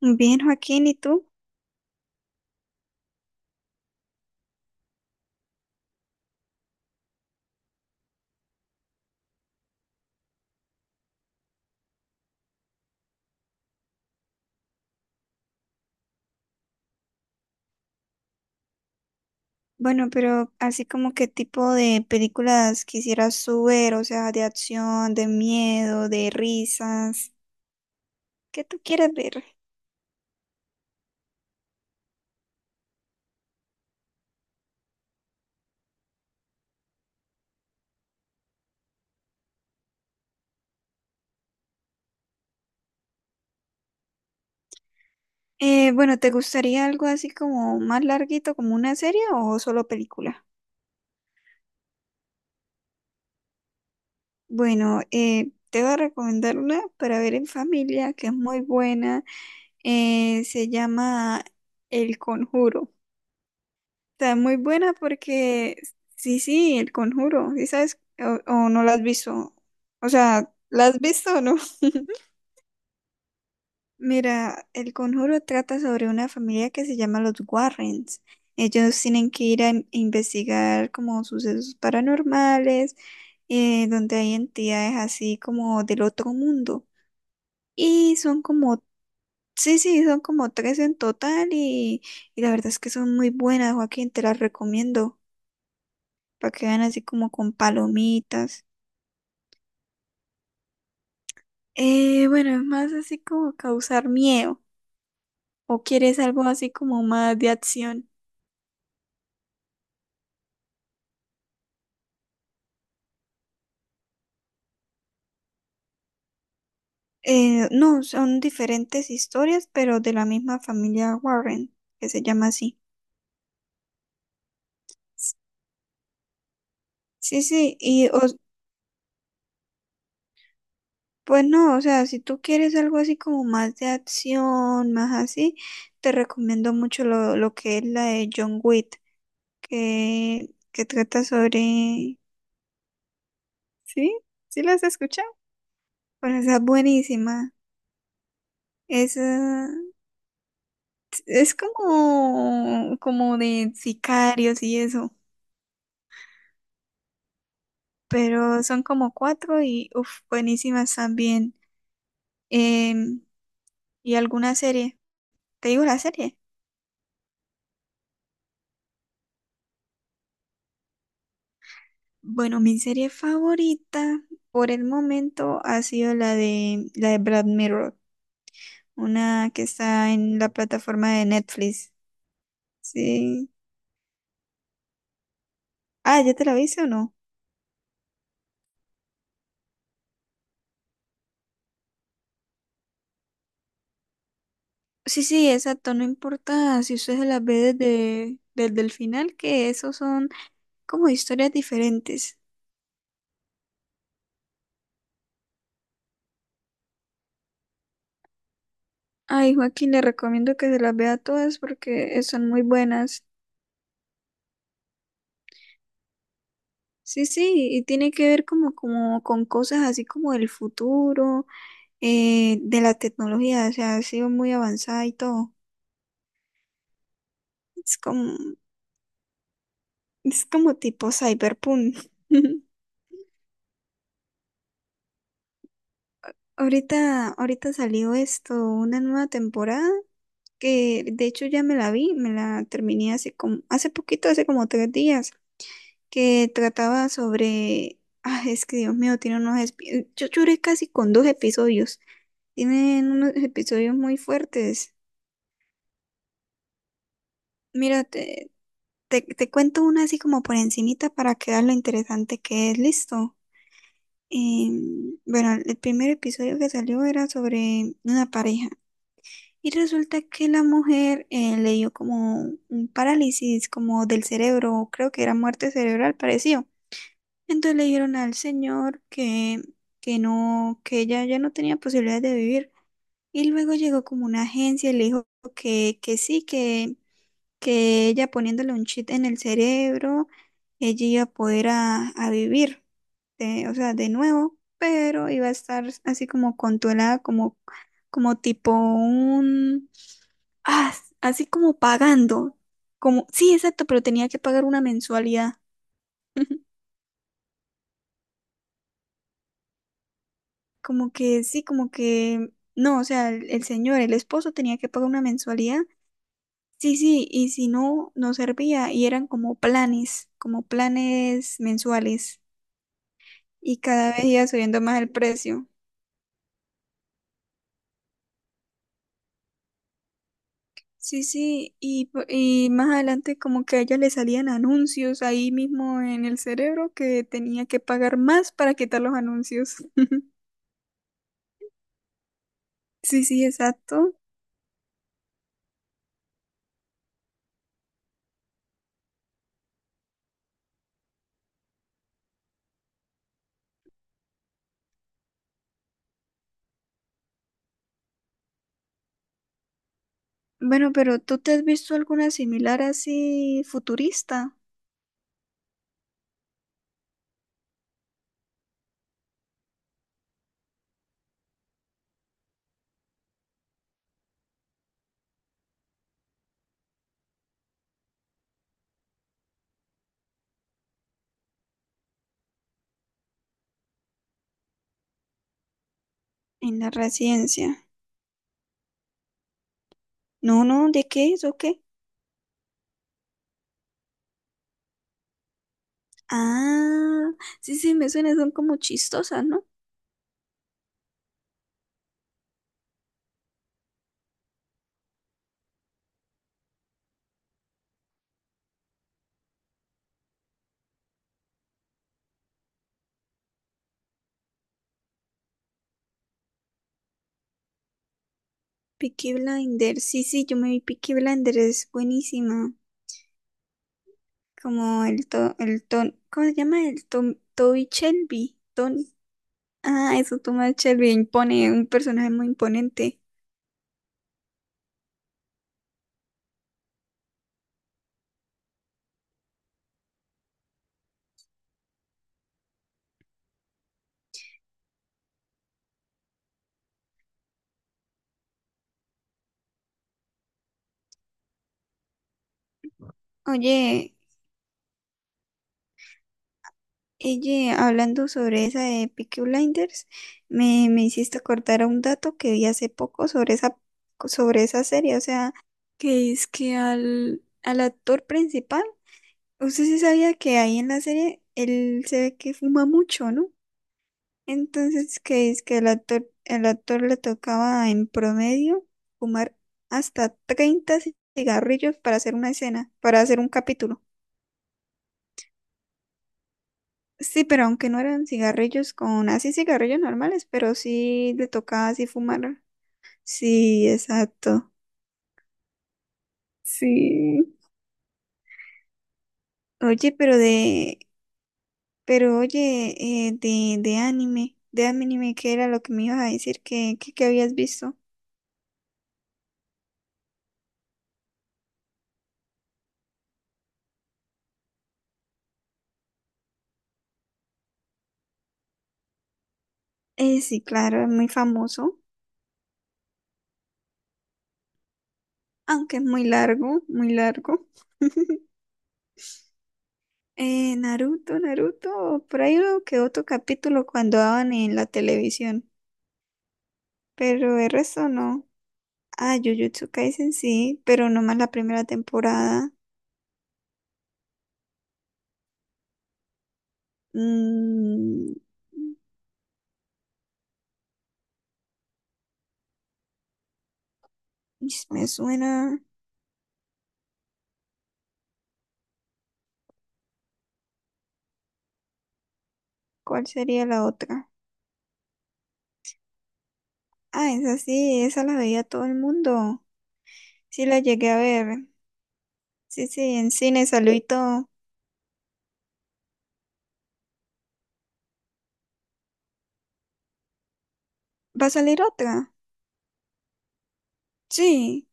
Bien, Joaquín, ¿y tú? Bueno, pero así como qué tipo de películas quisieras tú ver, o sea, de acción, de miedo, de risas, ¿qué tú quieres ver? Bueno, ¿te gustaría algo así como más larguito, como una serie o solo película? Bueno, te voy a recomendar una para ver en familia que es muy buena, se llama El Conjuro. Está muy buena porque sí, sí, el conjuro, ¿sí sabes? O no la has visto. O sea, ¿la has visto o no? Mira, el conjuro trata sobre una familia que se llama los Warrens. Ellos tienen que ir a investigar como sucesos paranormales, donde hay entidades así como del otro mundo. Y son como, sí, sí, son como tres en total y la verdad es que son muy buenas, Joaquín, te las recomiendo. Para que vean así como con palomitas. Bueno, es más así como causar miedo. ¿O quieres algo así como más de acción? No, son diferentes historias, pero de la misma familia Warren, que se llama así. Sí, sí, y pues no, o sea, si tú quieres algo así como más de acción, más así, te recomiendo mucho lo que es la de John Wick, que trata sobre... ¿Sí? ¿Sí la has escuchado? Bueno, esa es buenísima. Es, eh, es como, como de sicarios y eso, pero son como cuatro y uf, buenísimas también. Em, ¿Y alguna serie? ¿Te digo la serie? Bueno, mi serie favorita por el momento ha sido la de Black Mirror, una que está en la plataforma de Netflix. Sí. Ah, ¿ya te la viste o no? Sí, sí, exacto, no importa si usted se las ve desde el final, que esos son como historias diferentes. Ay, Joaquín, le recomiendo que se las vea todas porque son muy buenas. Sí, sí, y tiene que ver como, como con cosas así como del futuro, de la tecnología, o sea, ha sido muy avanzada y todo. Es como, es como tipo cyberpunk. Ahorita, ahorita salió esto, una nueva temporada, que de hecho ya me la vi, me la terminé hace como, hace poquito, hace como tres días. Que trataba sobre... Ah, es que Dios mío, tiene unos... Yo lloré casi con dos episodios. Tienen unos episodios muy fuertes. Mira, te cuento una así como por encimita para que veas lo interesante que es. Listo. Bueno, el primer episodio que salió era sobre una pareja. Y resulta que la mujer le dio como un parálisis, como del cerebro, creo que era muerte cerebral, pareció. Entonces le dijeron al señor que no, que ella ya no tenía posibilidades de vivir. Y luego llegó como una agencia y le dijo que sí, que ella poniéndole un chip en el cerebro, ella iba a poder a vivir, o sea, de nuevo, pero iba a estar así como controlada, como, como tipo un, ah, así como pagando, como, sí, exacto, pero tenía que pagar una mensualidad. Como que sí, como que no, o sea, el señor, el esposo tenía que pagar una mensualidad. Sí, sí, y si no, no servía y eran como planes mensuales y cada vez iba subiendo más el precio. Sí, sí, y más adelante como que a ella le salían anuncios ahí mismo en el cerebro que tenía que pagar más para quitar los anuncios. Sí, sí, exacto. Bueno, pero ¿tú te has visto alguna similar así futurista en la residencia? No, no, ¿de qué es o qué? Ah, sí, sí, me suena, son como chistosas, ¿no? Peaky Blinder, sí, sí, yo me vi Peaky Blinder, es buenísima. Como el ton, ¿cómo se llama? El Tom, Toby Shelby, Tony. Ah, eso, Thomas Shelby impone, un personaje muy imponente. Oye, oye, hablando sobre esa de Peaky Blinders, me hiciste acordar a un dato que vi hace poco sobre esa serie, o sea, que es que al actor principal, usted sí sabía que ahí en la serie él se ve que fuma mucho, ¿no? Entonces, que es que el actor le tocaba en promedio fumar hasta 30 cigarrillos para hacer una escena, para hacer un capítulo. Sí, pero aunque no eran cigarrillos con, así cigarrillos normales, pero sí le tocaba así fumar. Sí, exacto. Sí. Oye, pero de, pero oye, de anime, ¿qué era lo que me ibas a decir que habías visto? Sí, claro, es muy famoso, aunque es muy largo, muy largo. Naruto, por ahí uno que otro capítulo cuando daban en la televisión, pero el resto no. Ah, Jujutsu Kaisen sí, pero no más la primera temporada. Mm, me suena. ¿Cuál sería la otra? Ah, esa sí, esa la veía todo el mundo. Sí, la llegué a ver. Sí, sí, en cine salió y todo. ¿Va a salir otra? Sí.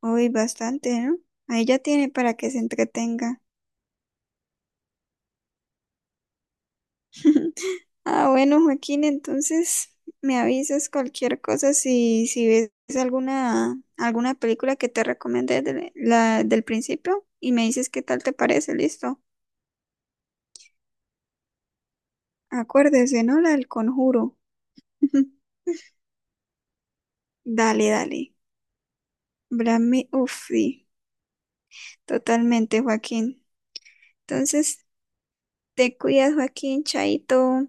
Uy, bastante, ¿no? Ahí ya tiene para que se entretenga. Ah, bueno, Joaquín, entonces me avisas cualquier cosa si, si ves alguna, alguna película que te recomendé de del principio y me dices qué tal te parece, listo. Acuérdese, ¿no? La del conjuro. Dale, dale. Brame, uff, sí, totalmente, Joaquín. Entonces, te cuidas, Joaquín, chaito.